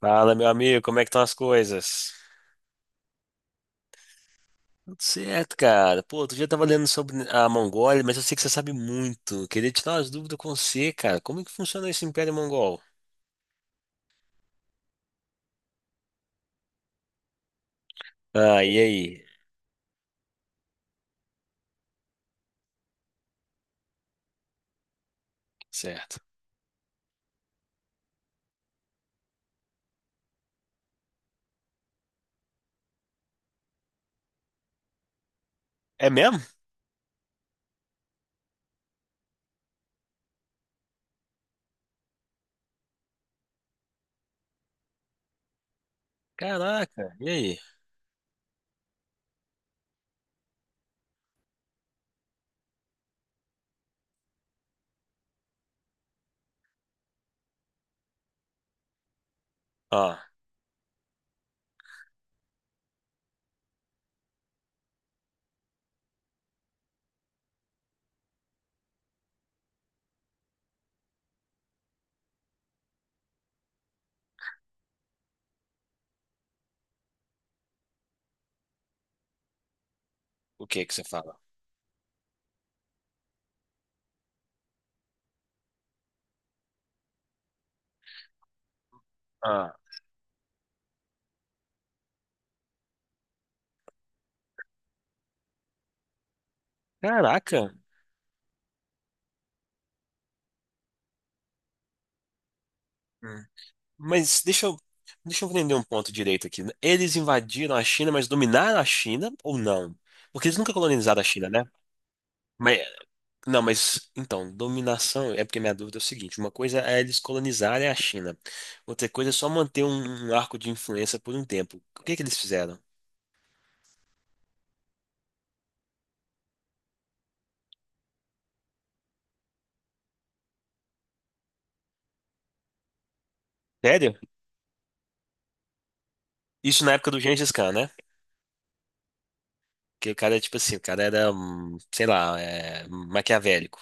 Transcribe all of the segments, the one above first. Fala, meu amigo, como é que estão as coisas? Tudo certo, cara. Pô, outro dia eu tava lendo sobre a Mongólia, mas eu sei que você sabe muito. Queria tirar umas dúvidas com você, cara. Como é que funciona esse Império Mongol? Ah, e aí? Certo. É mesmo? Caraca, e aí? Ah, o que que você fala? Ah, caraca. Hum. Mas deixa eu entender um ponto direito aqui. Eles invadiram a China, mas dominaram a China ou não? Porque eles nunca colonizaram a China, né? Mas não, mas então, dominação é porque minha dúvida é o seguinte: uma coisa é eles colonizarem a China, outra coisa é só manter um arco de influência por um tempo. O que que eles fizeram? Sério? Isso na época do Gengis Khan, né? Que o cara é tipo assim, o cara era, sei lá, é, maquiavélico.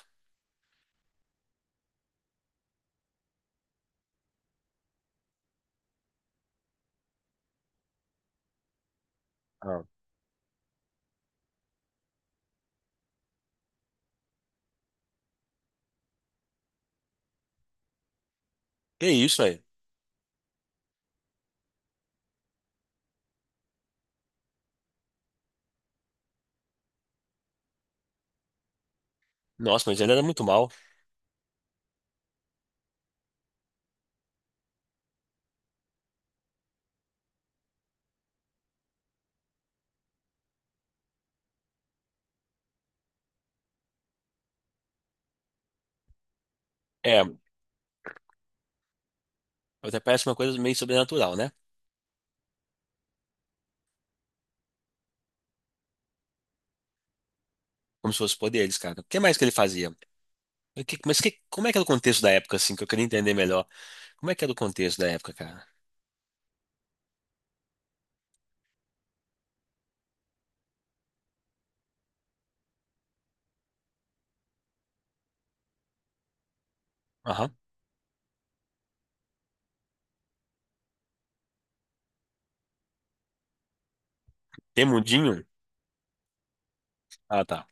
Ah. Que isso, velho? Nossa, mas ele era muito mal. É, até parece uma coisa meio sobrenatural, né? Como se fosse poderes, cara. O que mais que ele fazia? O que- mas que- Como é que era o contexto da época, assim, que eu queria entender melhor? Como é que era o contexto da época, cara? Aham. Tem mundinho? Ah, tá.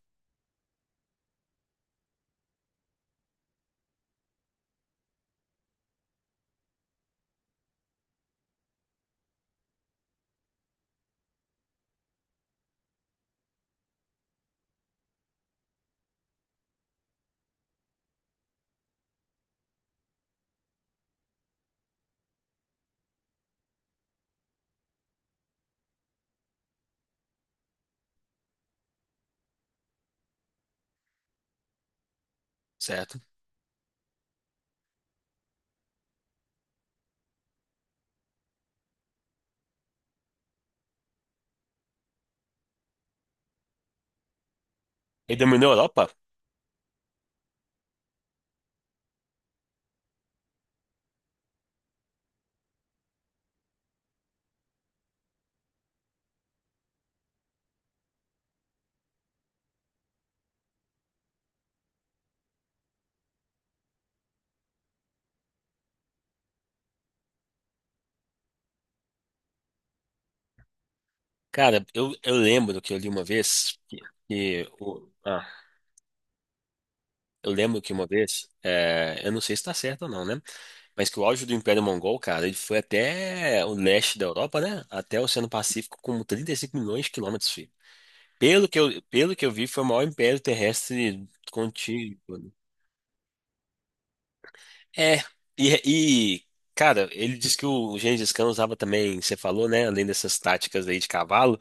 Certo. Ele dominou a Europa? Cara, eu lembro que eu li uma vez que, que o, ah, eu lembro que uma vez, é, eu não sei se tá certo ou não, né? Mas que o auge do Império Mongol, cara, ele foi até o leste da Europa, né? Até o Oceano Pacífico com 35 milhões de quilômetros, filho. Pelo que eu vi, foi o maior império terrestre contínuo. É, e, e, cara, ele disse que o Gengis Khan usava também, você falou, né? Além dessas táticas aí de cavalo,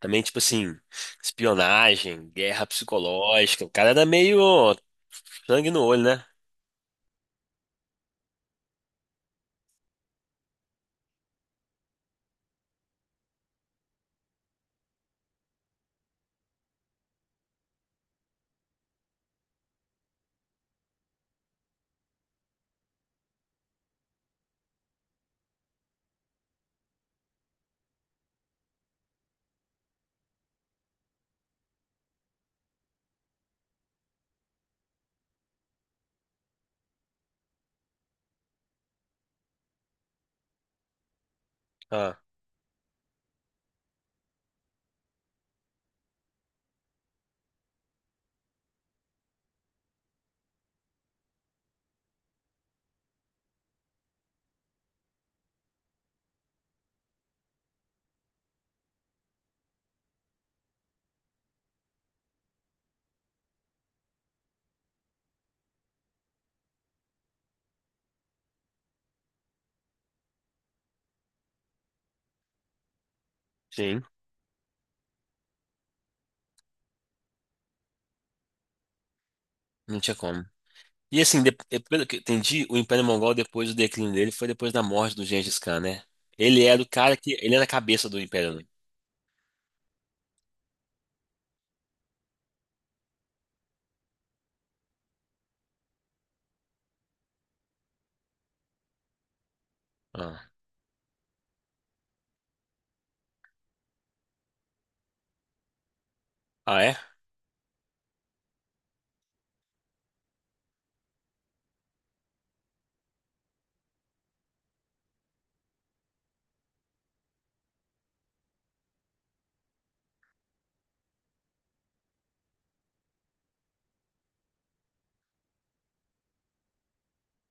também, tipo assim, espionagem, guerra psicológica. O cara era meio sangue no olho, né? Ah, sim, não tinha como. E assim, e pelo que eu entendi, o Império Mongol, depois do declínio dele, foi depois da morte do Gengis Khan, né? Ele era o cara que. Ele era a cabeça do Império, né? Ah, ah é?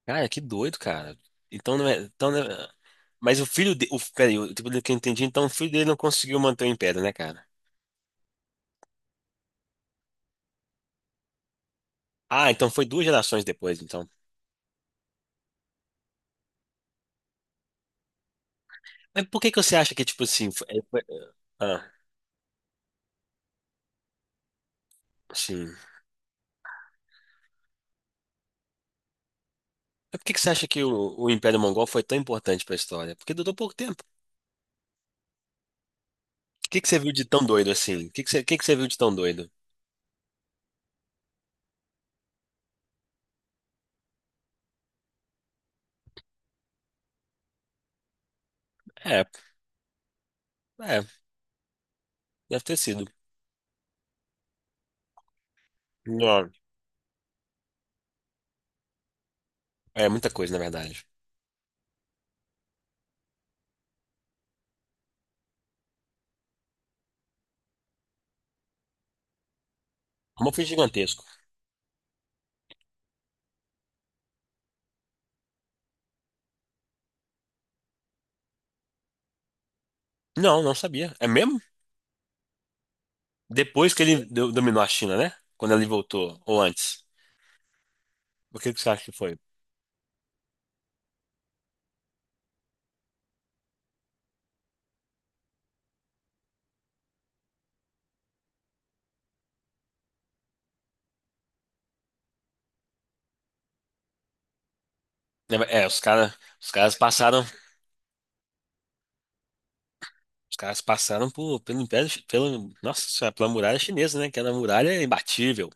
Cara, que doido, cara. Então não é. Mas o filho dele. Peraí, pelo que eu entendi, então o filho dele não conseguiu manter o império, né, cara? Ah, então foi duas gerações depois, então. Mas por que que você acha que, tipo assim, ah, sim. Mas por que que você acha que o Império Mongol foi tão importante pra história? Porque durou pouco tempo. O que que você viu de tão doido assim? O que que você viu de tão doido? É, é, deve ter sido. Não, é muita coisa, na verdade. Como foi gigantesco. Não, não sabia. É mesmo? Depois que ele dominou a China, né? Quando ele voltou, ou antes. O que que você acha que foi? Os caras, os caras passaram por, pelo Império, pelo, nossa, senhora, pela muralha chinesa, né? Que era a muralha imbatível.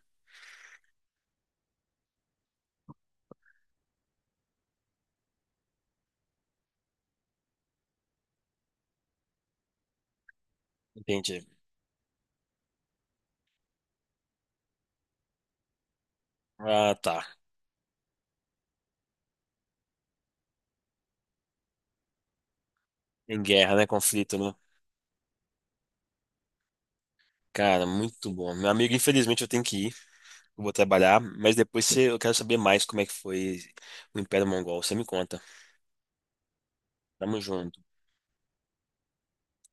Entendi. Ah, tá. Em guerra, né? Conflito, né? Cara, muito bom. Meu amigo, infelizmente eu tenho que ir. Eu vou trabalhar, eu quero saber mais como é que foi o Império Mongol. Você me conta. Tamo junto.